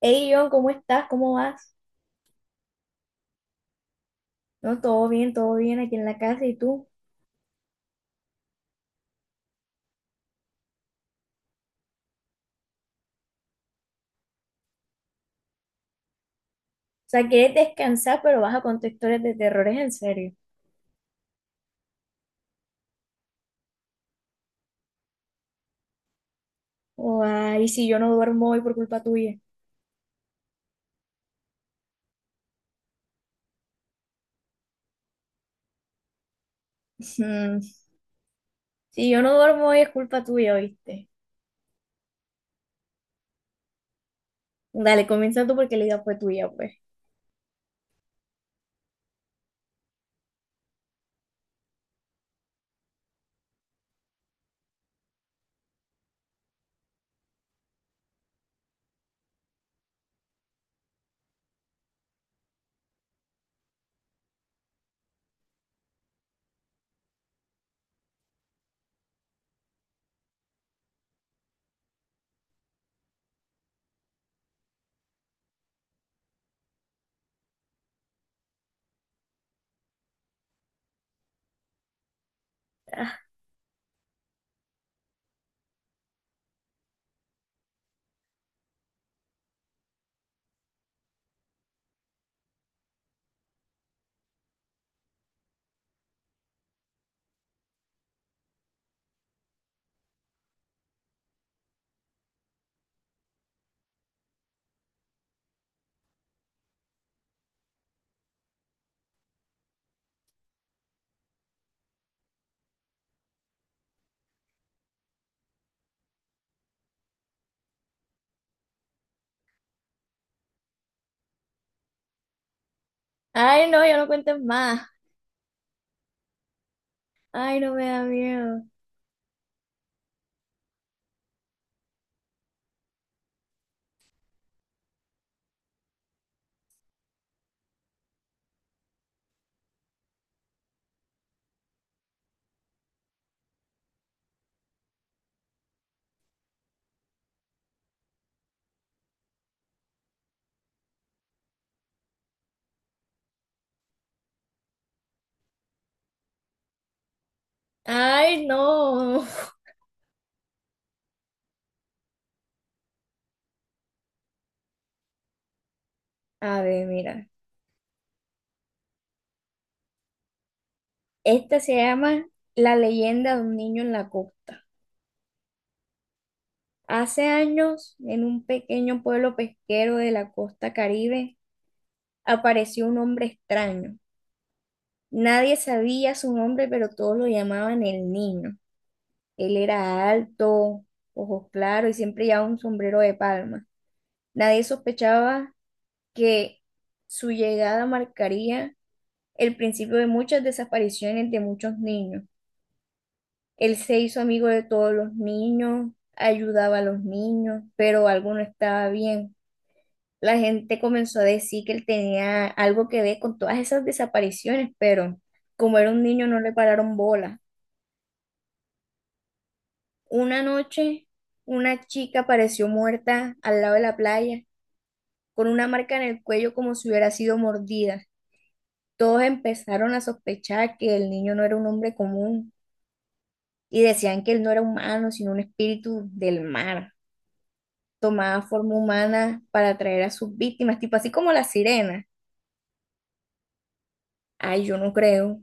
Hey John, ¿cómo estás? ¿Cómo vas? No, todo bien aquí en la casa. ¿Y tú? O sea, quieres descansar, pero vas a contar historias de terrores en serio. Oh, ay, si yo no duermo hoy por culpa tuya. Mm. Si yo no duermo hoy es culpa tuya, ¿oíste? Dale, comienza tú porque la idea fue tuya, pues. Ah. Ay, no, ya no cuentes más. Ay, no me da miedo. Ay, no. A ver, mira. Esta se llama La leyenda de un niño en la costa. Hace años, en un pequeño pueblo pesquero de la costa Caribe, apareció un hombre extraño. Nadie sabía su nombre, pero todos lo llamaban el niño. Él era alto, ojos claros y siempre llevaba un sombrero de palma. Nadie sospechaba que su llegada marcaría el principio de muchas desapariciones de muchos niños. Él se hizo amigo de todos los niños, ayudaba a los niños, pero algo no estaba bien. La gente comenzó a decir que él tenía algo que ver con todas esas desapariciones, pero como era un niño no le pararon bola. Una noche, una chica apareció muerta al lado de la playa, con una marca en el cuello como si hubiera sido mordida. Todos empezaron a sospechar que el niño no era un hombre común y decían que él no era humano, sino un espíritu del mar. Tomaba forma humana para atraer a sus víctimas, tipo así como la sirena. Ay, yo no creo.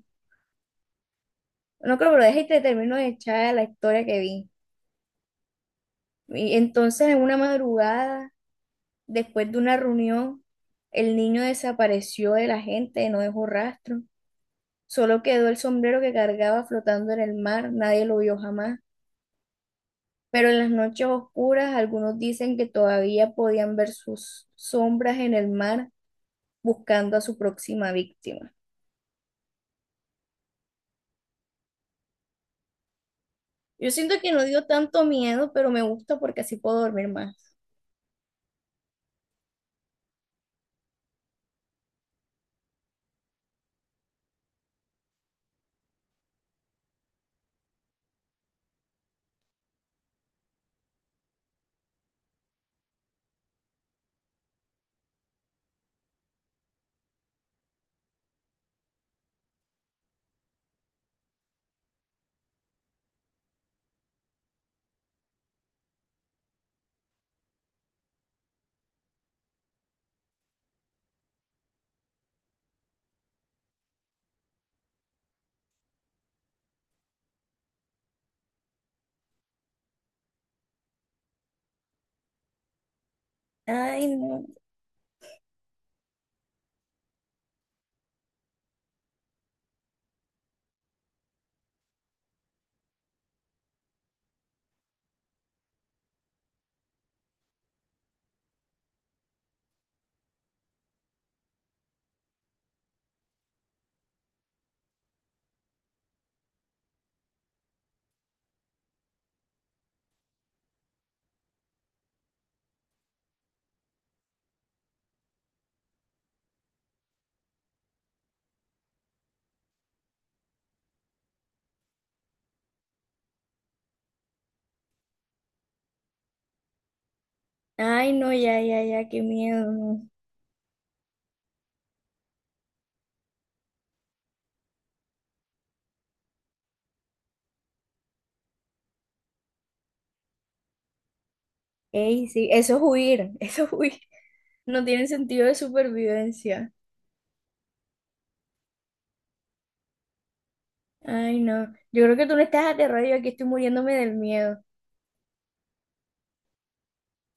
No creo, pero deja y te termino de echar la historia que vi. Y entonces, en una madrugada, después de una reunión, el niño desapareció de la gente, no dejó rastro. Solo quedó el sombrero que cargaba flotando en el mar, nadie lo vio jamás. Pero en las noches oscuras, algunos dicen que todavía podían ver sus sombras en el mar buscando a su próxima víctima. Yo siento que no dio tanto miedo, pero me gusta porque así puedo dormir más. Ay, no. Ay, no, ya, ya, ya, qué miedo. No. Ey, sí, eso es huir, eso es huir. No tiene sentido de supervivencia. Ay, no. Yo creo que tú no estás aterrado, yo aquí estoy muriéndome del miedo.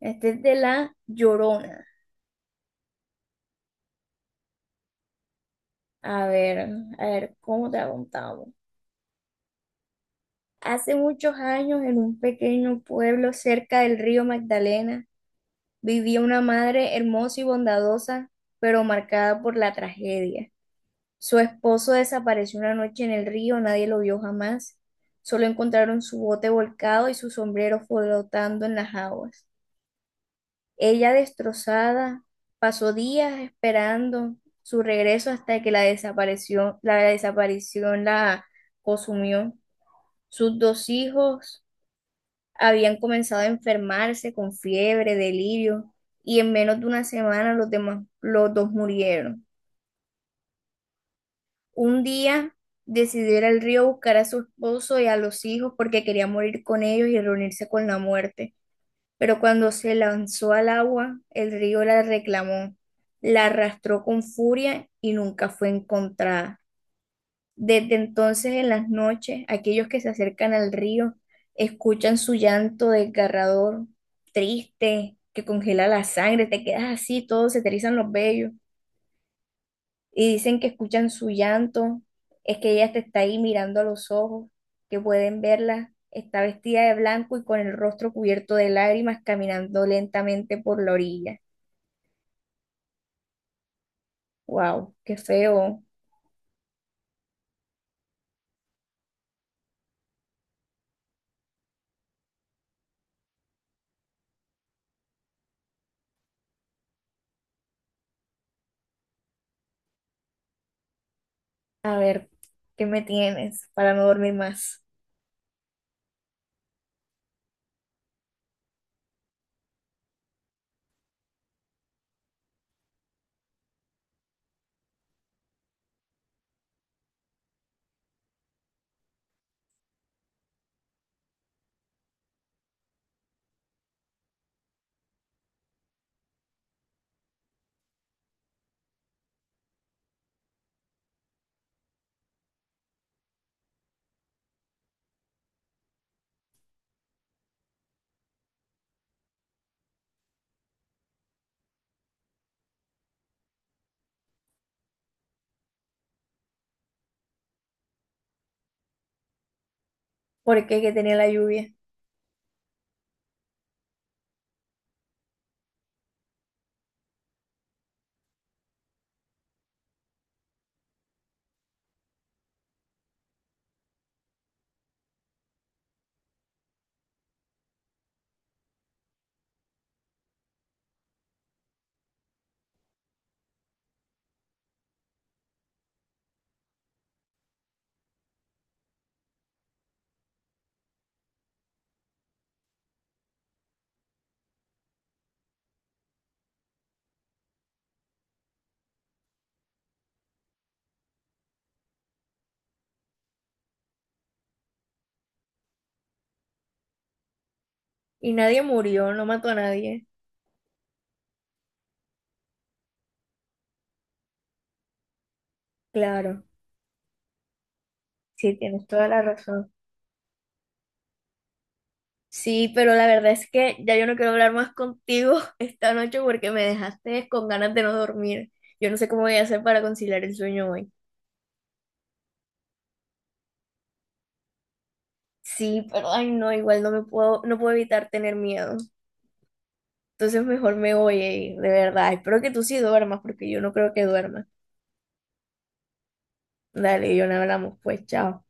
Este es de la Llorona. A ver, a ver, ¿cómo te la contamos? Hace muchos años, en un pequeño pueblo cerca del río Magdalena, vivía una madre hermosa y bondadosa, pero marcada por la tragedia. Su esposo desapareció una noche en el río, nadie lo vio jamás. Solo encontraron su bote volcado y su sombrero flotando en las aguas. Ella destrozada, pasó días esperando su regreso hasta que la desaparición la consumió. Sus dos hijos habían comenzado a enfermarse con fiebre, delirio, y en menos de una semana los dos murieron. Un día decidió ir al río a buscar a su esposo y a los hijos porque quería morir con ellos y reunirse con la muerte. Pero cuando se lanzó al agua, el río la reclamó, la arrastró con furia y nunca fue encontrada. Desde entonces, en las noches, aquellos que se acercan al río escuchan su llanto desgarrador, triste, que congela la sangre, te quedas así, todos se te erizan los vellos y dicen que escuchan su llanto, es que ella te está ahí mirando a los ojos, que pueden verla, está vestida de blanco y con el rostro cubierto de lágrimas caminando lentamente por la orilla. Wow, qué feo. A ver, ¿qué me tienes para no dormir más? Porque que tenía la lluvia. Y nadie murió, no mató a nadie. Claro, sí, tienes toda la razón. Sí, pero la verdad es que ya yo no quiero hablar más contigo esta noche porque me dejaste con ganas de no dormir. Yo no sé cómo voy a hacer para conciliar el sueño hoy. Sí, pero ay no, igual no puedo evitar tener miedo. Entonces mejor me voy, ey, de verdad. Espero que tú sí duermas porque yo no creo que duerma. Dale, yo no hablamos, pues chao.